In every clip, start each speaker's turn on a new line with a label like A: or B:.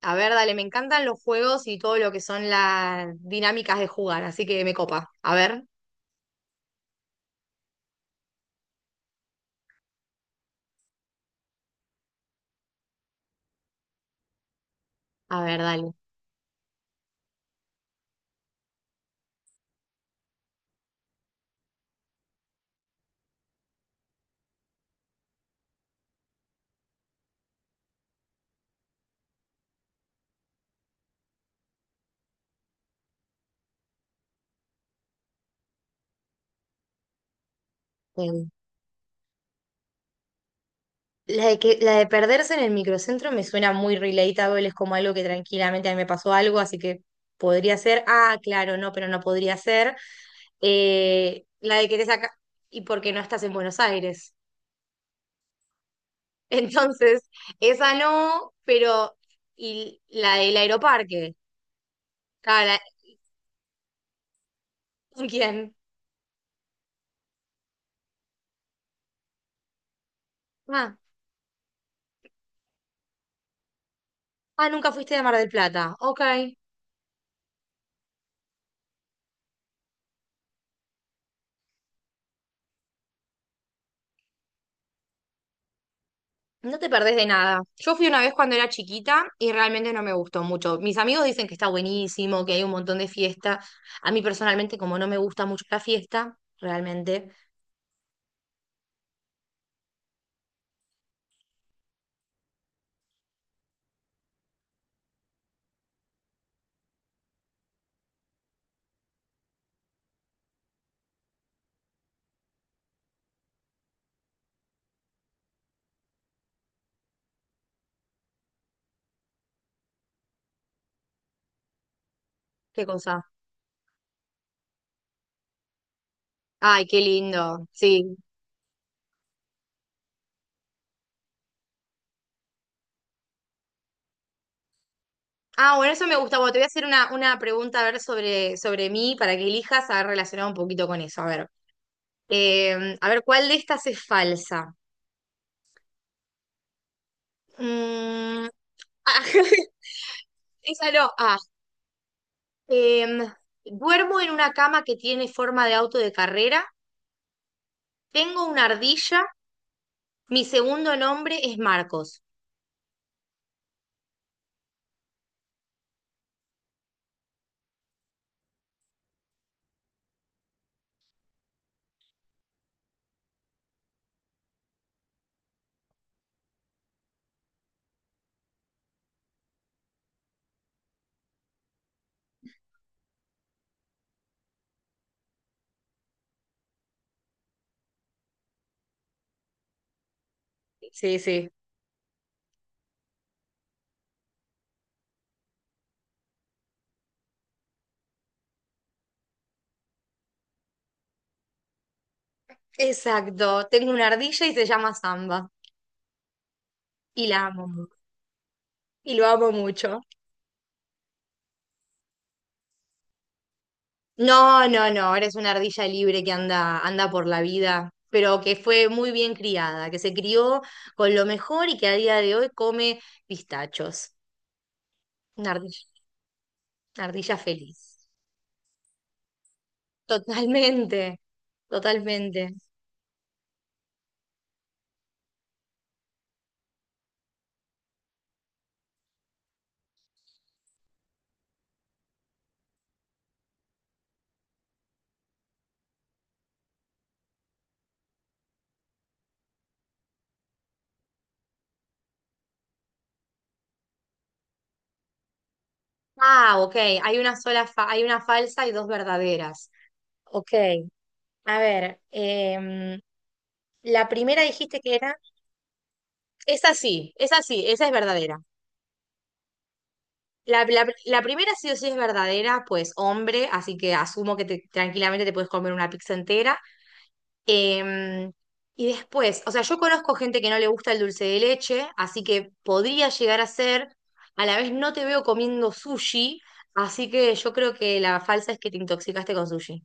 A: A ver, dale, me encantan los juegos y todo lo que son las dinámicas de jugar, así que me copa. A ver, dale. Em, La de que, la de perderse en el microcentro me suena muy relatable, es como algo que tranquilamente a mí me pasó algo, así que podría ser. Ah, claro, no, pero no podría ser. La de que te saca. Y porque no estás en Buenos Aires. Entonces, esa no, pero. Y la del aeroparque. Claro, la- ¿con quién? Ah, ah, nunca fuiste de Mar del Plata. Ok. No te perdés de nada. Yo fui una vez cuando era chiquita y realmente no me gustó mucho. Mis amigos dicen que está buenísimo, que hay un montón de fiesta. A mí personalmente, como no me gusta mucho la fiesta, realmente, qué cosa. Ay, qué lindo. Sí. Ah, bueno, eso me gusta. Bueno, te voy a hacer una pregunta a ver sobre, sobre mí para que elijas a ver relacionado un poquito con eso. A ver. A ver, ¿cuál de estas es falsa? Mm, ah, esa no. Ah, Em, duermo en una cama que tiene forma de auto de carrera. Tengo una ardilla. Mi segundo nombre es Marcos. Sí, sí. Exacto. Tengo una ardilla y se llama Samba. Y la amo mu- Y lo amo mucho. No, no, no. Eres una ardilla libre que anda, anda por la vida, pero que fue muy bien criada, que se crió con lo mejor y que a día de hoy come pistachos. Una ardilla, una ardilla feliz. Totalmente. Totalmente. Ah, ok. Hay una sola, fa- hay una falsa y dos verdaderas. Ok. A ver, la primera dijiste que era. Es así, esa es verdadera. La primera sí o sí es verdadera, pues hombre, así que asumo que te- tranquilamente te puedes comer una pizza entera. Em, y después, o sea, yo conozco gente que no le gusta el dulce de leche, así que podría llegar a ser, a la vez no te veo comiendo sushi, así que yo creo que la falsa es que te intoxicaste con sushi.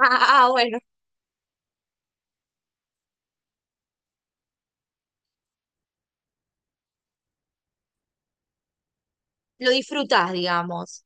A: Ah, ah, bueno, lo disfrutás, digamos.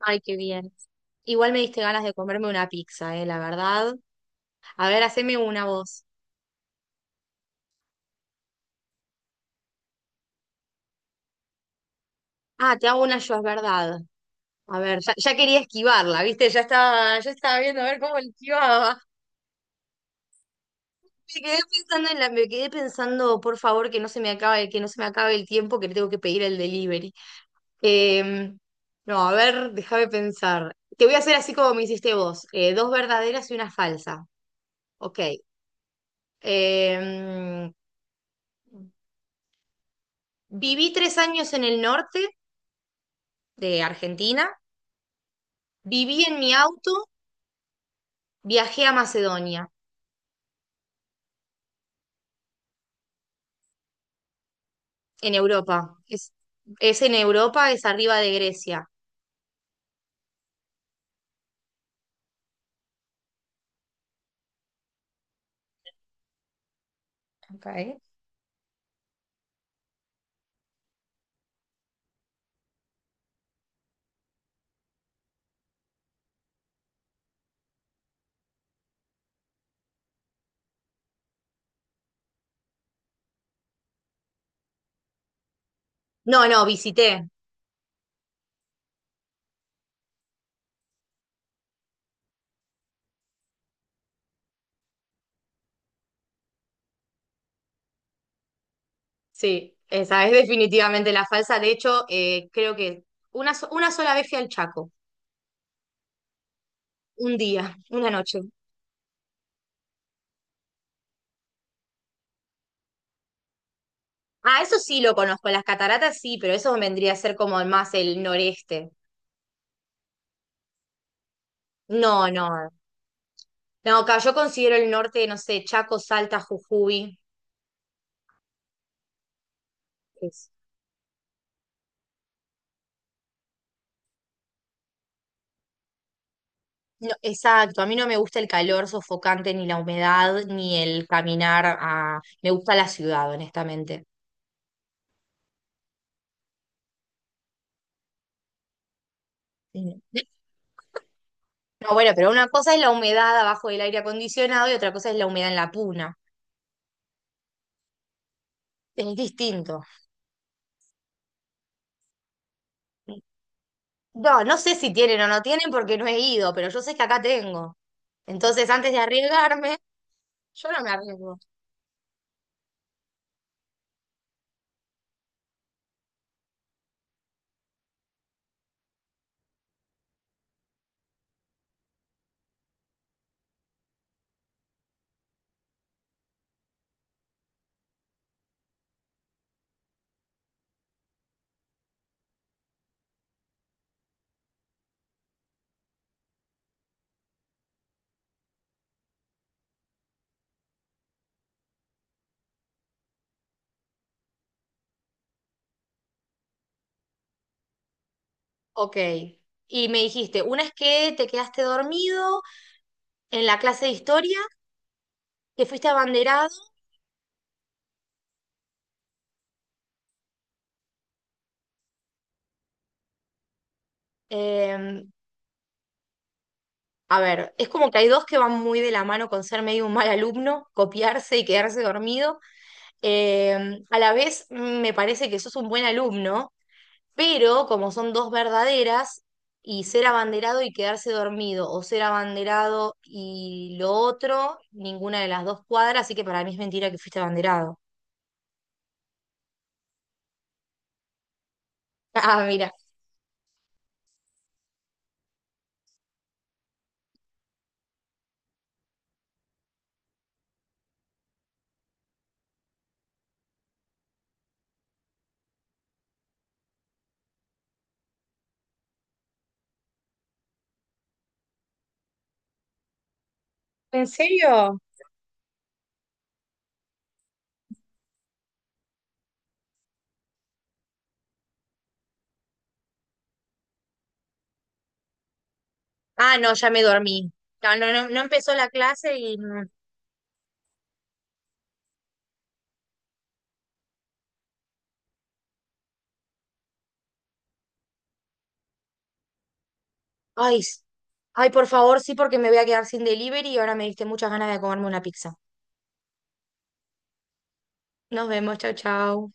A: Ay, qué bien. Igual me diste ganas de comerme una pizza, la verdad. A ver, haceme una voz. Ah, te hago una yo, es verdad. A ver, ya quería esquivarla, ¿viste? Ya estaba viendo a ver cómo la esquivaba. Me quedé pensando en la, me quedé pensando, por favor, que no se me acabe, que no se me acabe el tiempo que le tengo que pedir el delivery. Em, no, a ver, déjame pensar. Te voy a hacer así como me hiciste vos. Dos verdaderas y una falsa. Ok. Em, Viví 3 años en el norte de Argentina, viví en mi auto, viajé a Macedonia, en Europa. Es en Europa, es arriba de Grecia. Ok. No, no, visité. Sí, esa es definitivamente la falsa. De hecho, creo que una sola vez fui al Chaco, un día, una noche. Ah, eso sí lo conozco, las cataratas sí, pero eso vendría a ser como más el noreste. No, no. No, acá yo considero el norte, no sé, Chaco, Salta, Jujuy. No, exacto, a mí no me gusta el calor sofocante, ni la humedad, ni el caminar a... Me gusta la ciudad, honestamente. Sí. No, bueno, pero una cosa es la humedad abajo del aire acondicionado y otra cosa es la humedad en la puna. Es distinto. No, no sé si tienen o no tienen porque no he ido, pero yo sé que acá tengo. Entonces, antes de arriesgarme, yo no me arriesgo. Ok. Y me dijiste, una es que te quedaste dormido en la clase de historia, que fuiste abanderado, em, a ver, es como que hay dos que van muy de la mano con ser medio un mal alumno, copiarse y quedarse dormido. Eh, a la vez me parece que sos un buen alumno, pero como son dos verdaderas, y ser abanderado y quedarse dormido, o ser abanderado y lo otro, ninguna de las dos cuadra, así que para mí es mentira que fuiste abanderado. Ah, mira. ¿En serio? Ah, no, ya me dormí. No, no, no, no empezó la clase y no. Ay, s- ay, por favor, sí, porque me voy a quedar sin delivery y ahora me diste muchas ganas de comerme una pizza. Nos vemos, chau, chau.